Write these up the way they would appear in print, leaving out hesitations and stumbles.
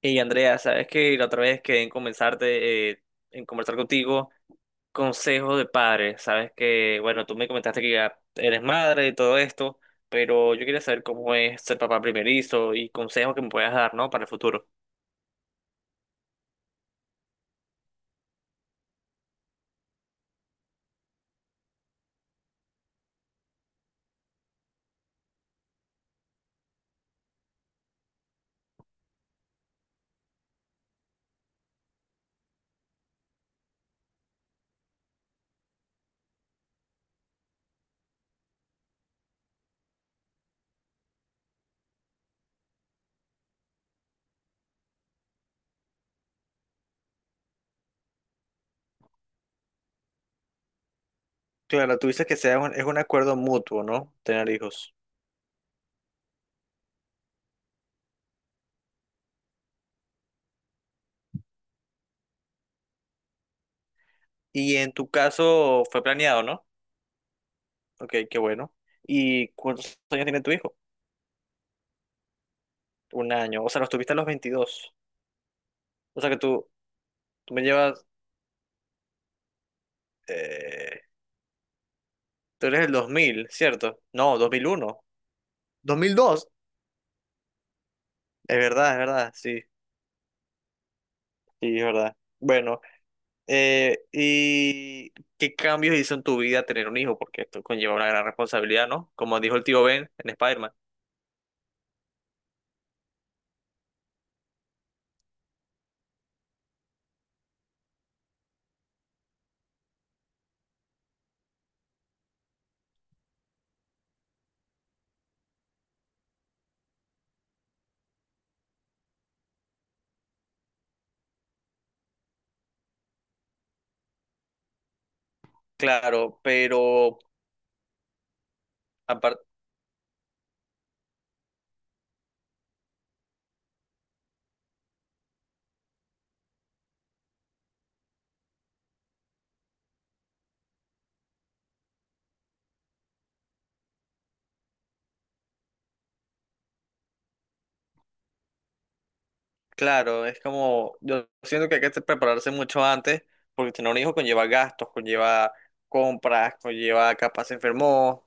Y Andrea, sabes que la otra vez quedé en comenzarte, en conversar contigo, consejos de padres. Sabes que, bueno, tú me comentaste que ya eres madre y todo esto, pero yo quería saber cómo es ser papá primerizo y consejos que me puedas dar, ¿no? Para el futuro. Claro, tú dices que sea es un acuerdo mutuo, ¿no? Tener hijos. Y en tu caso fue planeado, ¿no? Ok, qué bueno. ¿Y cuántos años tiene tu hijo? 1 año. O sea, los tuviste a los 22. O sea que tú me llevas. Tú eres el 2000, ¿cierto? No, 2001, 2002. Es verdad, sí, sí, es verdad. Bueno, ¿y qué cambios hizo en tu vida tener un hijo? Porque esto conlleva una gran responsabilidad, ¿no? Como dijo el tío Ben en Spider-Man. Claro, pero aparte, claro, es como, yo siento que hay que prepararse mucho antes, porque tener un hijo conlleva gastos, conlleva compras, conlleva capaz se enfermó.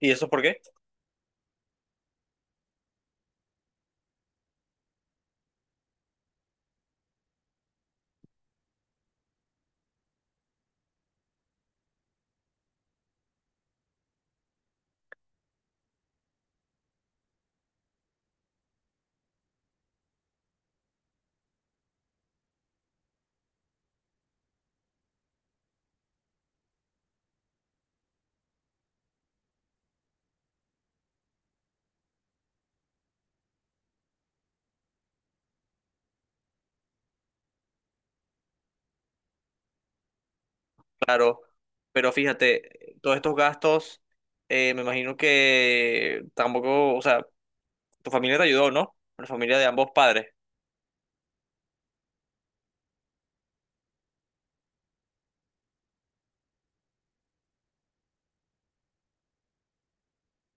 ¿Y eso por qué? Claro, pero fíjate, todos estos gastos, me imagino que tampoco, o sea, tu familia te ayudó, ¿no? La familia de ambos padres.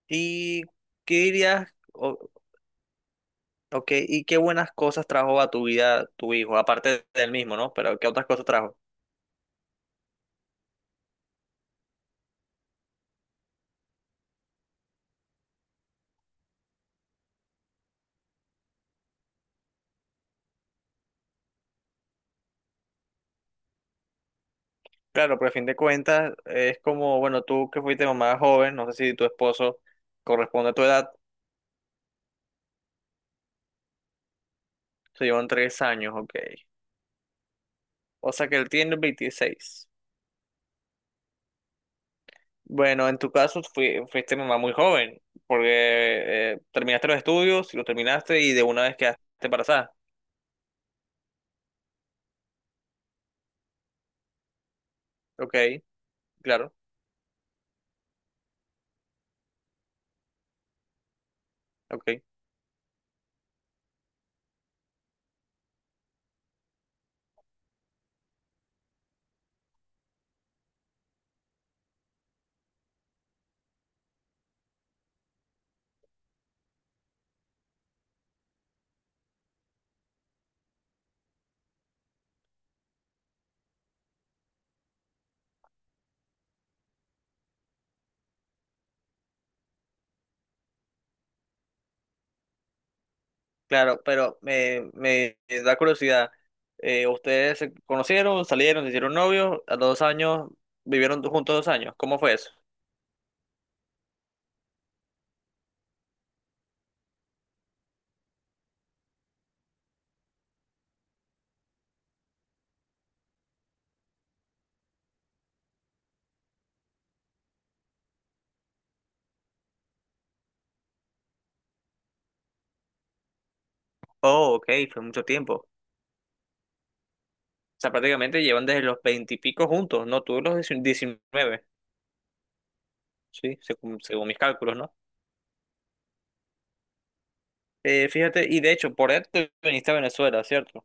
¿Y qué dirías, o y qué buenas cosas trajo a tu vida tu hijo, aparte del mismo, ¿no? Pero ¿qué otras cosas trajo? Claro, pero a fin de cuentas es como, bueno, tú que fuiste mamá joven, no sé si tu esposo corresponde a tu edad, se llevan 3 años, ok. O sea que él tiene 26. Bueno, en tu caso fuiste mamá muy joven, porque terminaste los estudios, los terminaste y de una vez quedaste embarazada. Ok, claro, ok, claro, pero me da curiosidad. ¿Ustedes se conocieron, salieron, se hicieron novios, a los 2 años, vivieron juntos 2 años? ¿Cómo fue eso? Oh, ok, fue mucho tiempo. O sea, prácticamente llevan desde los veintipico juntos, ¿no? Tú los 19, sí, según, según mis cálculos, ¿no? Fíjate, y de hecho, por eso te viniste a Venezuela, ¿cierto?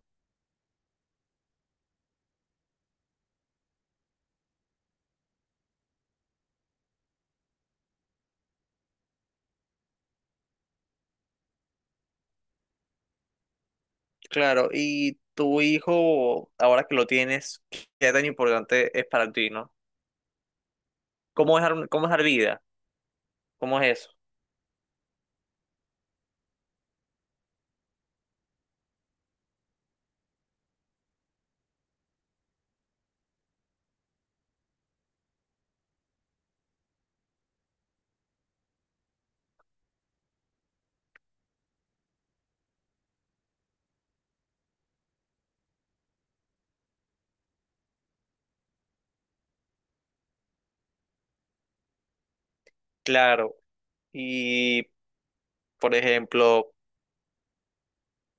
Claro, y tu hijo, ahora que lo tienes, ¿qué tan importante es para ti, no? ¿Cómo es, cómo es dar vida? ¿Cómo es eso? Claro, y por ejemplo,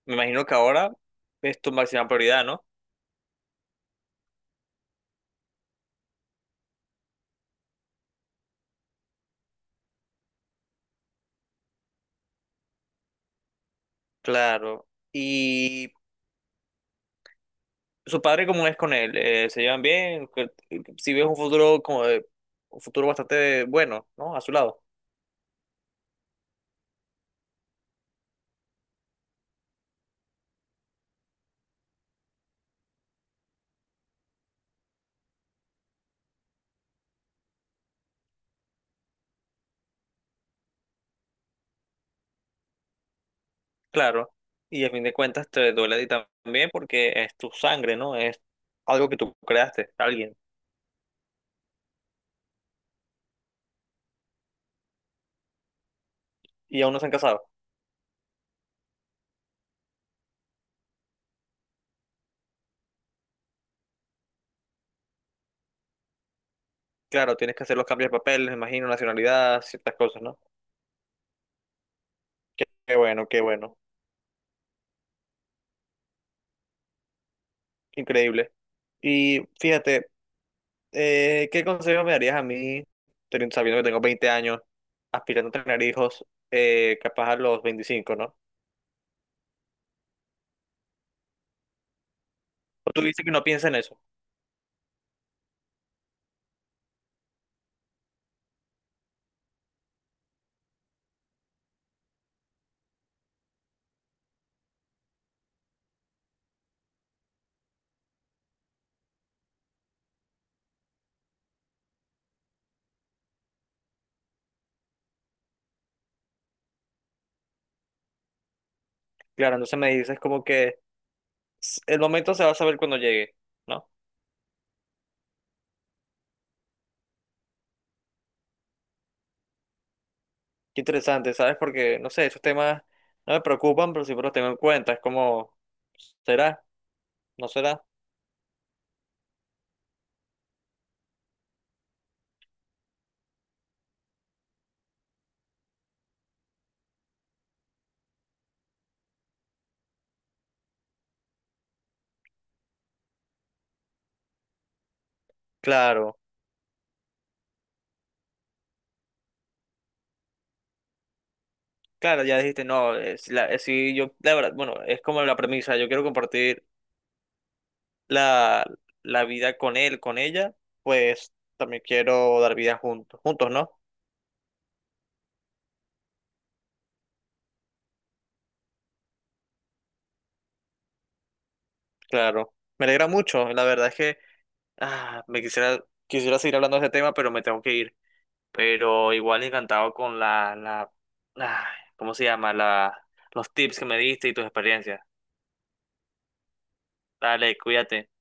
me imagino que ahora es tu máxima prioridad, ¿no? Claro, y su padre, ¿cómo es con él? ¿Se llevan bien? Si ves un futuro un futuro bastante bueno, ¿no? A su lado, claro. Y a fin de cuentas te duele a ti también porque es tu sangre, ¿no? Es algo que tú creaste, alguien. Y aún no se han casado. Claro, tienes que hacer los cambios de papeles, me imagino, nacionalidad, ciertas cosas, ¿no? Qué, qué bueno, qué bueno. Increíble. Y fíjate, ¿qué consejo me darías a mí, sabiendo que tengo 20 años, aspirando a tener hijos, capaz a los 25, ¿no? O tú dices que no pienses en eso. Claro, entonces me dices como que el momento se va a saber cuando llegue, ¿no? Qué interesante, ¿sabes? Porque, no sé, esos temas no me preocupan, pero siempre los tengo en cuenta. Es como, ¿será? ¿No será? Claro. Claro, ya dijiste, no, es la, sí, yo, la verdad, bueno, es como la premisa, yo quiero compartir la, la vida con él, con ella, pues también quiero dar vida juntos, juntos, ¿no? Claro, me alegra mucho, la verdad es que ah, me quisiera seguir hablando de este tema, pero me tengo que ir, pero igual encantado con ah, ¿cómo se llama? Los tips que me diste y tus experiencias. Dale, cuídate.